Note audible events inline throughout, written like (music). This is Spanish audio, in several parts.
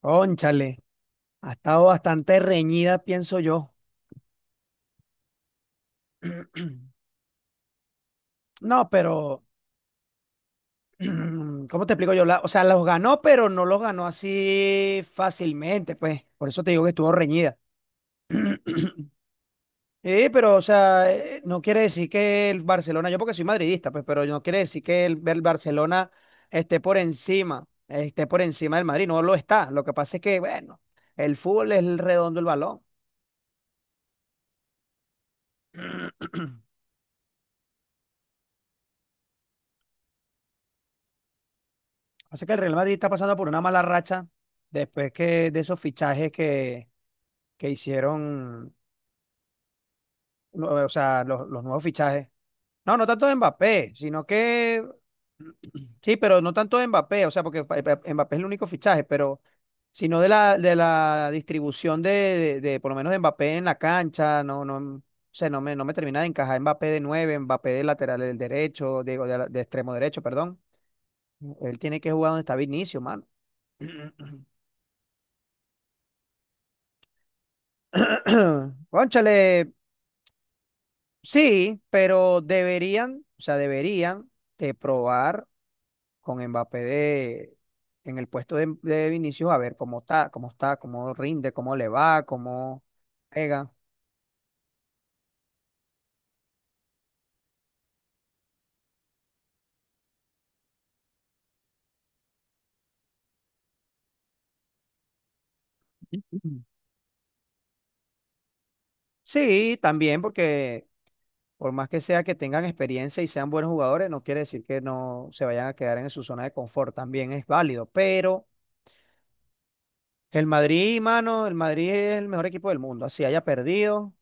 Cónchale, ha estado bastante reñida, pienso yo. (clears throat) No, pero, (clears throat) ¿cómo te explico yo? O sea, los ganó, pero no los ganó así fácilmente, pues. Por eso te digo que estuvo reñida. (clears throat) Sí, pero, o sea, no quiere decir que el Barcelona, yo porque soy madridista, pues, pero no quiere decir que el Barcelona esté por encima, del Madrid, no lo está. Lo que pasa es que, bueno, el fútbol es el redondo el balón. O sea que el Real Madrid está pasando por una mala racha después que de esos fichajes que hicieron, no, o sea, los nuevos fichajes. No, no tanto de Mbappé, sino que (clears throat) sí, pero no tanto de Mbappé, o sea, porque Mbappé es el único fichaje, pero sino de la distribución por lo menos de Mbappé en la cancha, o sea, no me termina de encajar Mbappé de nueve, Mbappé de lateral del derecho, digo, de extremo derecho, perdón. Él tiene que jugar donde está Vinicio, mano. (clears throat) (clears throat) Cónchale, sí, pero deberían, o sea, deberían de probar con Mbappé de, en el puesto de Vinicius, a ver cómo está, cómo rinde, cómo le va, cómo pega. Ujú. Sí, también porque por más que sea que tengan experiencia y sean buenos jugadores, no quiere decir que no se vayan a quedar en su zona de confort, también es válido, pero el Madrid, mano, el Madrid es el mejor equipo del mundo, así haya perdido,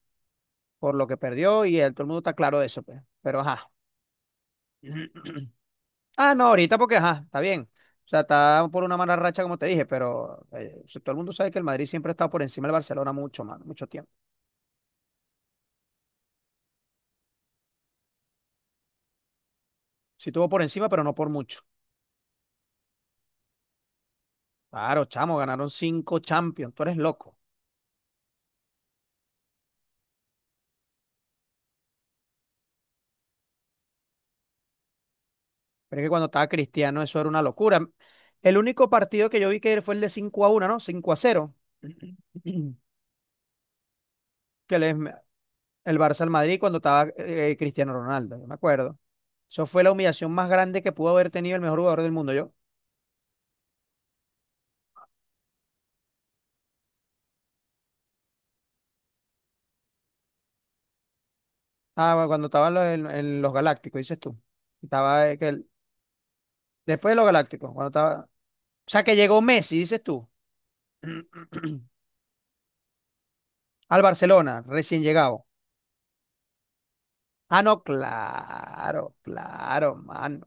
por lo que perdió y el, todo el mundo está claro de eso, pues. Pero ajá. (clears throat) Ah, no, ahorita porque ajá, está bien. O sea, está por una mala racha, como te dije, pero si todo el mundo sabe que el Madrid siempre ha estado por encima del Barcelona mucho, más, mucho tiempo. Sí estuvo por encima, pero no por mucho. Claro, chamo, ganaron cinco Champions, tú eres loco. Pero es que cuando estaba Cristiano eso era una locura. El único partido que yo vi que fue el de 5-1, ¿no? 5-0. (clears throat) Que les, el Barça al Madrid cuando estaba Cristiano Ronaldo, yo me acuerdo. Eso fue la humillación más grande que pudo haber tenido el mejor jugador del mundo, yo. Ah, bueno, cuando estaba en los Galácticos, dices tú. Estaba después de los Galácticos, cuando estaba. O sea, que llegó Messi, dices tú. (clears throat) Al Barcelona, recién llegado. Ah, no, claro, claro, mano.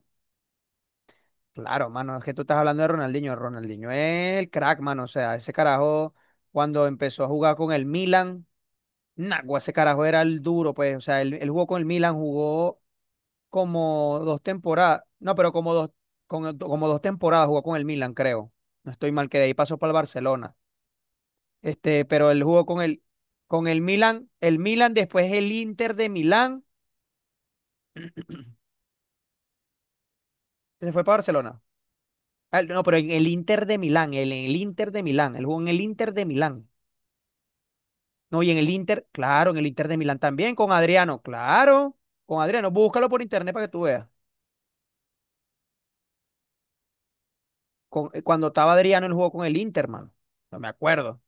Claro, mano. Es que tú estás hablando de Ronaldinho. Ronaldinho es el crack, mano. O sea, ese carajo, cuando empezó a jugar con el Milan. Nagua, ese carajo era el duro, pues. O sea, él jugó con el Milan, jugó como dos temporadas. No, pero como dos, como dos temporadas jugó con el Milan, creo. No estoy mal, que de ahí pasó para el Barcelona. Este, pero él jugó con el Milan, después el Inter de Milán, se fue para Barcelona. Ah, no, pero en el Inter de Milán, él en el Inter de Milán, él jugó en el Inter de Milán. No, y en el Inter, claro, en el Inter de Milán también, con Adriano, claro, con Adriano, búscalo por internet para que tú veas. Cuando estaba Adriano, él jugó con el Inter, mano. No me acuerdo.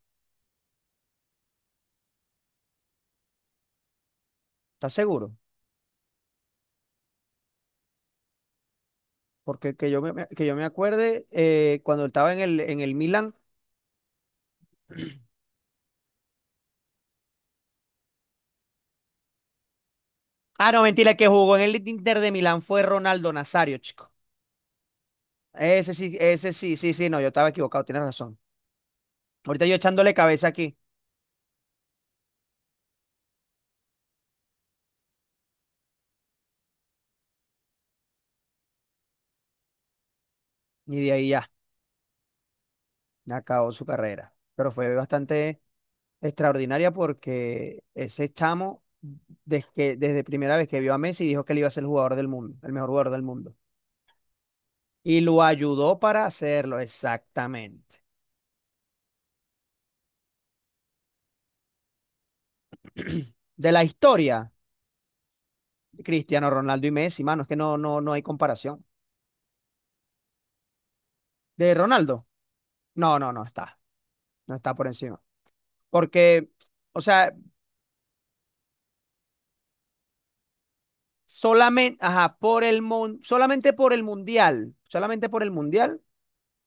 ¿Estás seguro? Porque que yo me acuerde, cuando él estaba en el Milan. Ah, no, mentira, el que jugó en el Inter de Milán fue Ronaldo Nazario, chico. Ese sí, sí, sí, no, yo estaba equivocado, tienes razón. Ahorita yo echándole cabeza aquí, y de ahí ya, acabó su carrera. Pero fue bastante extraordinaria porque ese chamo, desde primera vez que vio a Messi, dijo que él iba a ser el jugador del mundo, el mejor jugador del mundo. Y lo ayudó para hacerlo, exactamente. De la historia, Cristiano Ronaldo y Messi, mano, es que no hay comparación. De Ronaldo, no, no, no está, no está por encima. Porque, o sea, solamente, ajá, por el solamente por el mundial,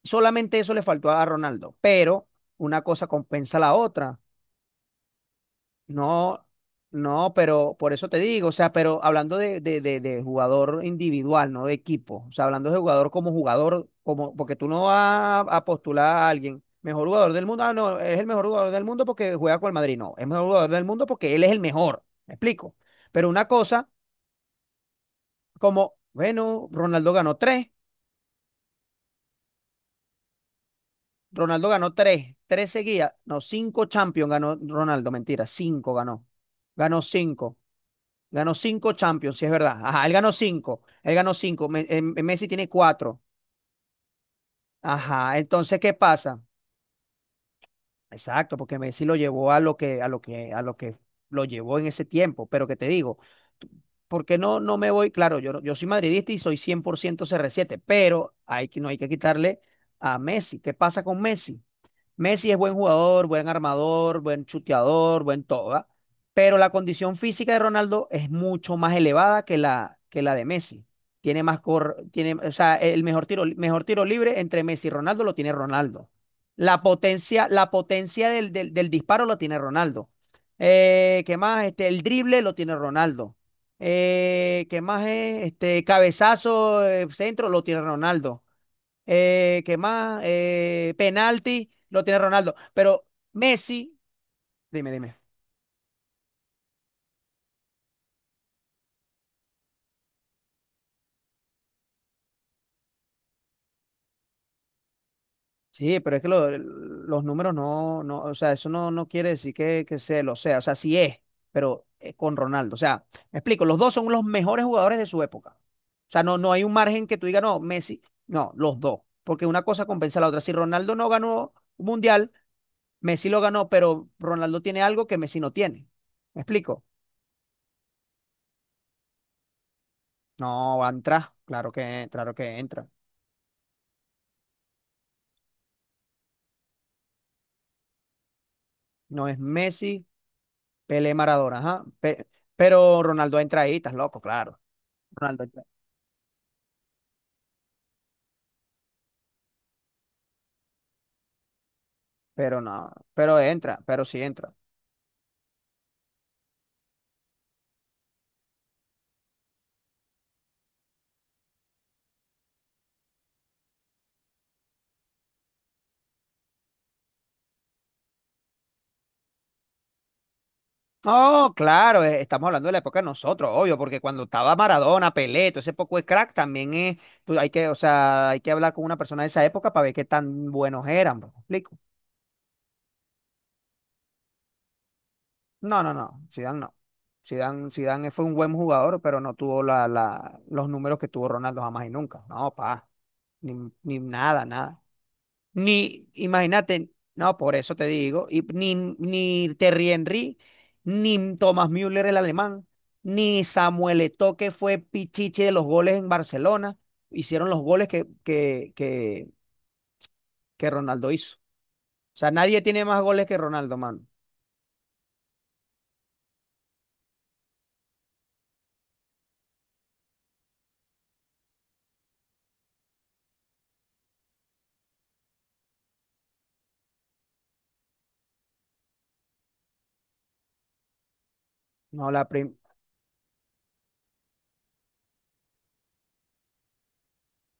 solamente eso le faltó a Ronaldo. Pero una cosa compensa la otra. No, no, pero por eso te digo, o sea, pero hablando de jugador individual, no de equipo, o sea, hablando de jugador, como, porque tú no vas a postular a alguien, mejor jugador del mundo, ah, no, es el mejor jugador del mundo porque juega con el Madrid, no, es mejor jugador del mundo porque él es el mejor, me explico. Pero una cosa, como, bueno, Ronaldo ganó tres, tres seguidas, no, cinco Champions ganó Ronaldo, mentira, cinco ganó, ganó cinco. Ganó cinco Champions, sí es verdad. Ajá, él ganó cinco. Él ganó cinco. Messi tiene cuatro. Ajá. Entonces, ¿qué pasa? Exacto, porque Messi lo llevó a lo que, a lo que, a lo que lo llevó en ese tiempo. Pero que te digo, tú- ¿por qué no, no me voy? Claro, yo, yo soy madridista y soy 100% CR7, pero hay que, no hay que quitarle a Messi. ¿Qué pasa con Messi? Messi es buen jugador, buen armador, buen chuteador, buen todo, ¿verdad? Pero la condición física de Ronaldo es mucho más elevada que la de Messi. Tiene, o sea, el mejor tiro libre entre Messi y Ronaldo lo tiene Ronaldo. La potencia del disparo lo tiene Ronaldo. ¿Qué más? Este, el drible lo tiene Ronaldo. ¿Qué más es? Este, cabezazo, centro lo tiene Ronaldo. ¿Qué más? Penalti, lo tiene Ronaldo. Pero Messi, dime, dime. Sí, pero es que los números no, no, o sea, eso no, no quiere decir que se lo sea. O sea, sí es, pero es con Ronaldo. O sea, me explico, los dos son los mejores jugadores de su época. O sea, no, no hay un margen que tú digas, no, Messi, no, los dos. Porque una cosa compensa a la otra. Si Ronaldo no ganó un mundial, Messi lo ganó, pero Ronaldo tiene algo que Messi no tiene. ¿Me explico? No, va a entrar. Claro que entra. No es Messi, Pelé, Maradona, ajá. Pero Ronaldo entra ahí, estás loco, claro. Ronaldo entra. Pero no, pero entra, pero sí entra. No, claro, estamos hablando de la época de nosotros, obvio, porque cuando estaba Maradona, Pelé, todo ese poco de crack, también es, hay que, o sea, hay que hablar con una persona de esa época para ver qué tan buenos eran, ¿me explico? No, no, no, Zidane no. Zidane fue un buen jugador, pero no tuvo los números que tuvo Ronaldo jamás y nunca. No, pa, ni, ni nada, nada. Ni, imagínate, no, por eso te digo, ni Thierry Henry, ni Thomas Müller el alemán, ni Samuel Eto'o que fue pichiche de los goles en Barcelona, hicieron los goles que Ronaldo hizo. O sea, nadie tiene más goles que Ronaldo, mano. No, la prim-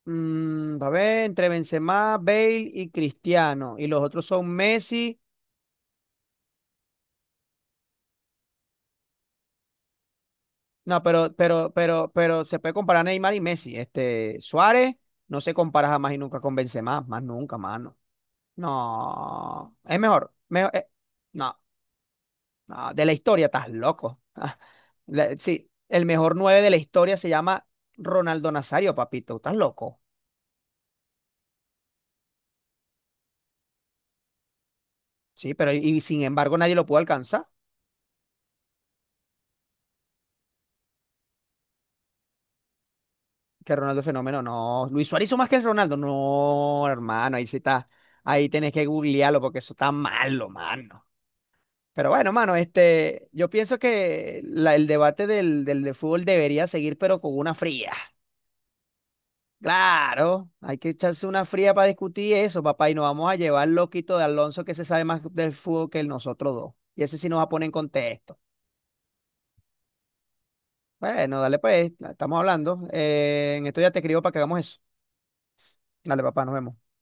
Mm, a ver, entre Benzema, Bale y Cristiano, y los otros son Messi. No, pero se puede comparar a Neymar y Messi. Este, Suárez no se compara jamás y nunca con Benzema, más nunca, mano. No, es mejor, mejor, no, no, de la historia, estás loco. (laughs) Sí, el mejor nueve de la historia se llama Ronaldo Nazario, papito, estás loco. Sí, pero y sin embargo nadie lo pudo alcanzar. Que Ronaldo es fenómeno, no. Luis Suárez hizo más que el Ronaldo, no, hermano, ahí sí está. Ahí tenés que googlearlo porque eso está malo, mano. Pero bueno, mano, este, yo pienso que el debate del de fútbol debería seguir, pero con una fría. Claro, hay que echarse una fría para discutir eso, papá, y nos vamos a llevar al loquito de Alonso que se sabe más del fútbol que nosotros dos. Y ese sí nos va a poner en contexto. Bueno, dale pues, estamos hablando. En esto ya te escribo para que hagamos eso. Dale, papá, nos vemos.